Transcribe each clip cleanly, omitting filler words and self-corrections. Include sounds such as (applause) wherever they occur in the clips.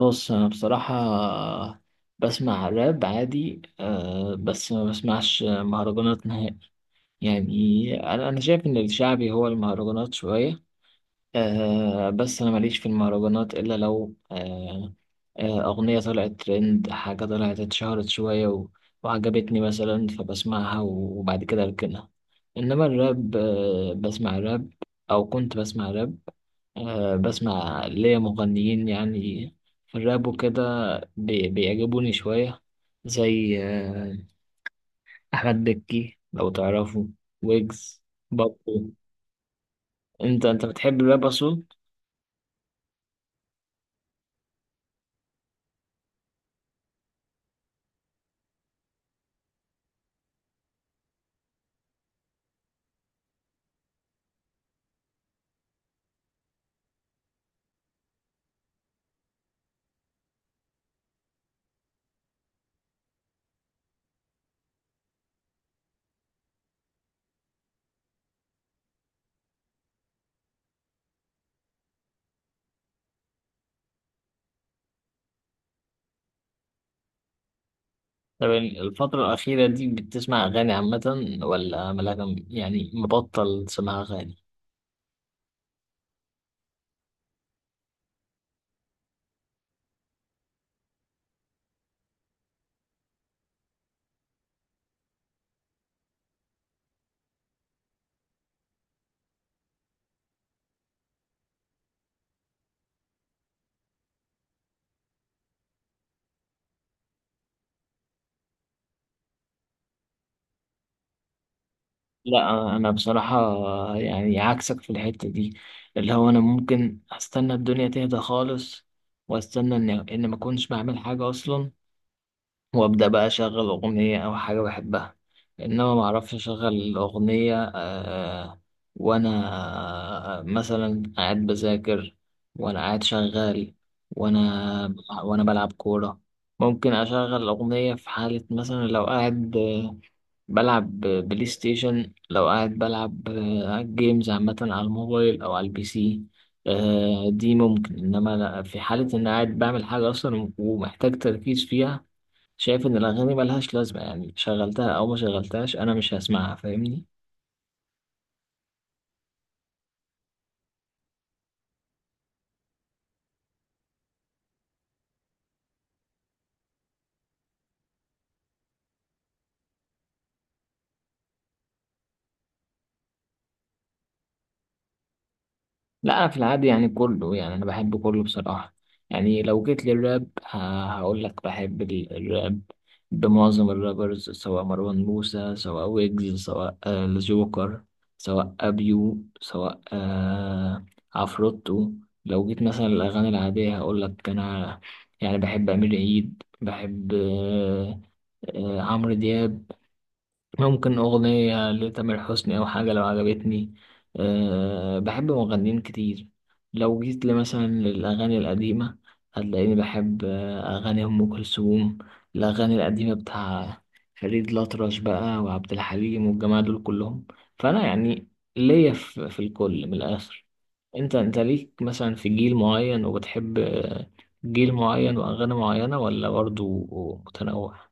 بص، انا بصراحة بسمع راب عادي أه، بس ما بسمعش مهرجانات نهائي. يعني انا شايف ان الشعبي هو المهرجانات شوية. آه بس أنا ماليش في المهرجانات إلا لو آه، أغنية طلعت ترند، حاجة طلعت اتشهرت شوية وعجبتني مثلا، فبسمعها وبعد كده أركنها. إنما الراب آه بسمع راب، أو كنت بسمع راب. آه بسمع ليا مغنيين يعني في الراب وكده بيعجبوني شوية، زي آه، أحمد بكي لو تعرفه، ويجز، بابلو. أنت بتحب الراب أصلا؟ طب الفترة الأخيرة دي بتسمع أغاني عامة ولا ملاك؟ يعني مبطل تسمع أغاني؟ لا أنا بصراحة يعني عكسك في الحتة دي، اللي هو أنا ممكن أستنى الدنيا تهدى خالص وأستنى إن ما أكونش بعمل حاجة أصلا، وابدا بقى اشغل اغنيه او حاجه بحبها. انما ما اعرفش اشغل اغنيه آه، وانا مثلا قاعد بذاكر، وانا قاعد شغال، وانا وانا بلعب كوره، ممكن اشغل اغنيه. في حاله مثلا لو قاعد بلعب بلاي ستيشن، لو قاعد بلعب جيمز عامه على الموبايل او على البي سي، دي ممكن. انما في حاله ان قاعد بعمل حاجه اصلا ومحتاج تركيز فيها، شايف ان الاغاني ملهاش لازمه يعني، شغلتها او ما شغلتهاش انا مش هسمعها، فاهمني. لا، انا في العادي يعني كله، يعني انا بحب كله بصراحه. يعني لو جيت للراب، هقول لك بحب الراب بمعظم الرابرز، سواء مروان موسى، سواء ويجز، سواء الجوكر، سواء ابيو، سواء عفروتو. لو جيت مثلا الاغاني العاديه هقول لك انا يعني بحب امير عيد، بحب عمرو دياب، ممكن أغنية لتامر حسني أو حاجة لو عجبتني. أه بحب مغنيين كتير. لو جيت لي مثلا للأغاني القديمة هتلاقيني بحب أغاني أم كلثوم، الأغاني القديمة بتاع فريد الأطرش بقى، وعبد الحليم، والجماعة دول كلهم. فأنا يعني ليا في الكل من الآخر. أنت ليك مثلا في جيل معين وبتحب جيل معين وأغاني معينة، ولا برضه متنوع؟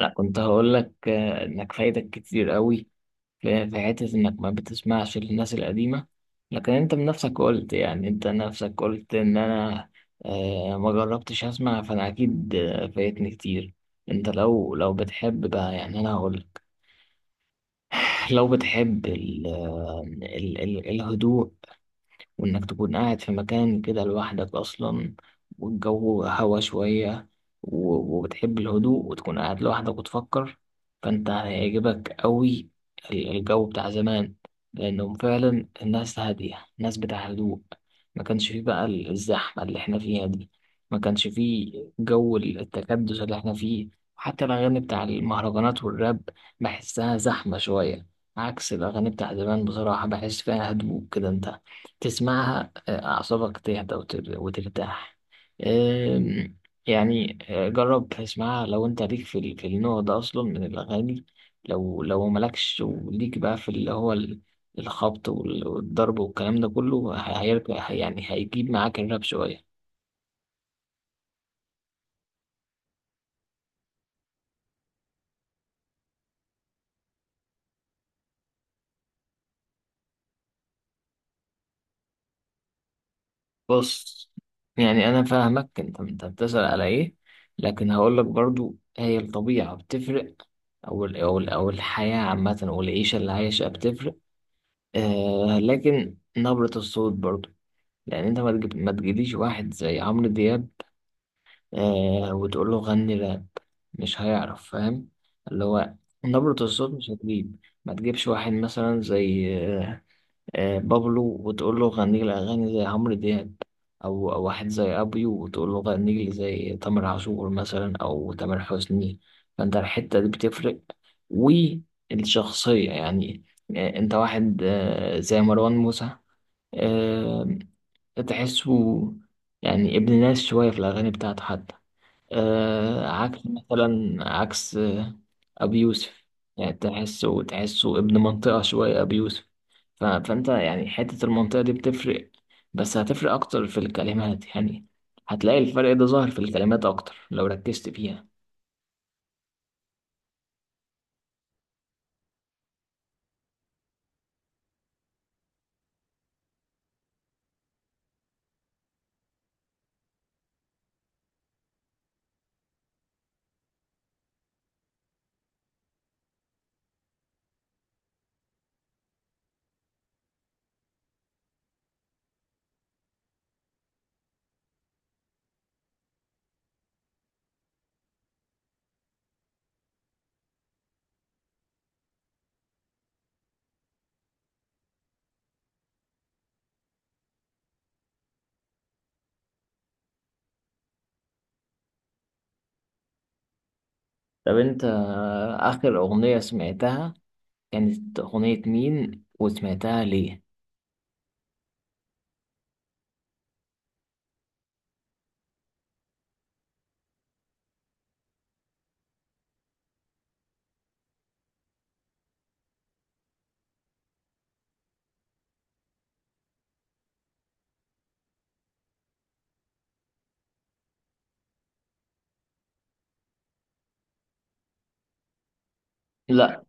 انا كنت هقول لك انك فايدك كتير قوي، في حته انك ما بتسمعش للناس القديمه. لكن انت بنفسك قلت، يعني انت نفسك قلت ان انا ما جربتش اسمع، فانا اكيد فايتني كتير. انت لو بتحب بقى يعني، انا هقول لك، (sighs) لو بتحب ال آه، ال ال الهدوء وإنك تكون قاعد في مكان كده لوحدك أصلا، والجو هوا شوية، وبتحب الهدوء وتكون قاعد لوحدك وتفكر، فأنت هيعجبك أوي الجو بتاع زمان، لأنهم فعلا الناس هادية، الناس بتاع هدوء. ما كانش فيه بقى الزحمة اللي احنا فيها دي، ما كانش فيه جو التكدس اللي احنا فيه. حتى الأغاني بتاع المهرجانات والراب بحسها زحمة شوية، عكس الأغاني بتاع زمان، بصراحة بحس فيها هدوء كده. أنت تسمعها أعصابك تهدى، وترتاح. آم، يعني جرب تسمعها لو أنت ليك في في النوع ده أصلا من الأغاني. لو مالكش وليك بقى في اللي هو الخبط والضرب والكلام ده كله، هيرجع يعني هيجيب معاك الراب شوية. بص، يعني أنا فاهمك، أنت بتسأل على إيه، لكن هقولك برضو هي الطبيعة بتفرق، أو الحياة عامة والعيشة اللي عايشها بتفرق. آه لكن نبرة الصوت برضو يعني، انت ما تجيب، ما تجيليش واحد زي عمرو دياب آه وتقول له غني راب، مش هيعرف، فاهم، اللي هو نبرة الصوت مش هتجيب. ما تجيبش واحد مثلا زي آه، بابلو وتقول له غني لي اغاني زي عمرو دياب، او واحد زي ابيو وتقول له غني لي زي تامر عاشور مثلا او تامر حسني. فانت الحتة دي بتفرق، والشخصية يعني. آه انت واحد آه زي مروان موسى، آه، تحسه يعني ابن ناس شوية في الأغاني بتاعته حتى، عكس مثلا عكس أبي يوسف. يعني تحسه ابن منطقة شوية أبي يوسف. فأنت يعني حتة المنطقة دي بتفرق، بس هتفرق أكتر في الكلمات يعني، هتلاقي الفرق ده ظاهر في الكلمات أكتر لو ركزت فيها. طب أنت آخر أغنية سمعتها، كانت أغنية مين وسمعتها ليه؟ لا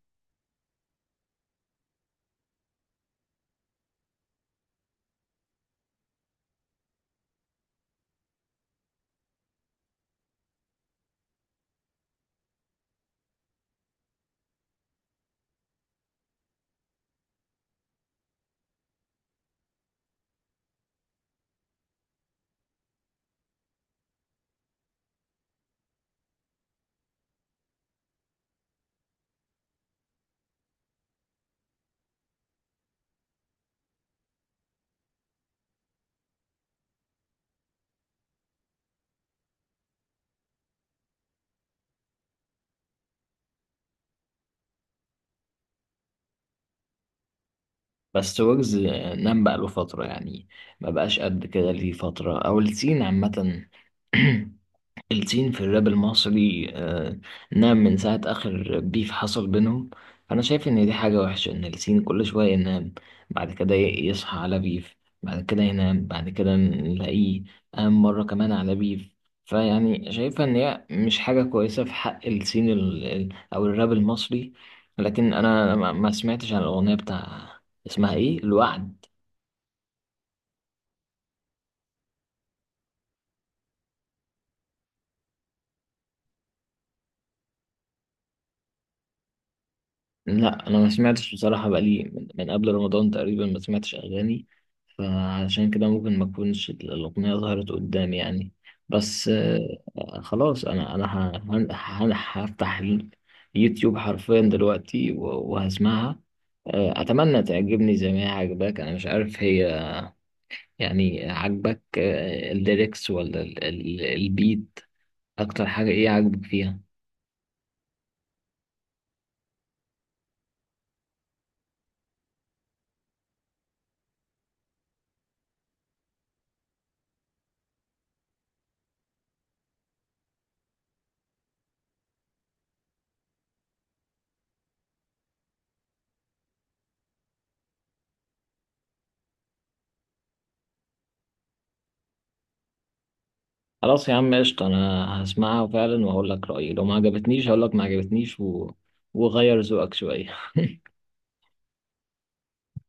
بس ويجز نام بقاله فترة يعني، ما بقاش قد كده ليه فترة، أو السين عامة. (clears throat) السين في الراب المصري آه، نعم، من ساعة آخر بيف حصل بينهم. فأنا شايف إن دي حاجة وحشة إن السين كل شوية ينام، بعد كده يصحى على بيف، بعد كده ينام، بعد كده نلاقيه قام مرة كمان على بيف. فيعني شايفها إن هي مش حاجة كويسة في حق السين أو الراب المصري. لكن أنا ما سمعتش عن الأغنية بتاع، اسمها إيه، الوعد. لا انا ما سمعتش بصراحه، بقالي من قبل رمضان تقريبا ما سمعتش اغاني، فعشان كده ممكن ما تكونش الاغنيه ظهرت قدامي يعني. بس خلاص انا هفتح اليوتيوب حرفيا دلوقتي وهسمعها. اتمنى تعجبني زي ما هي عجباك. انا مش عارف هي يعني عجبك الليركس ولا البيت، اكتر حاجه ايه عجبك فيها؟ خلاص يا عم قشطة، أنا هسمعها فعلا وهقول لك رأيي. لو ما عجبتنيش هقول لك ما عجبتنيش وغير ذوقك شوية. (laughs)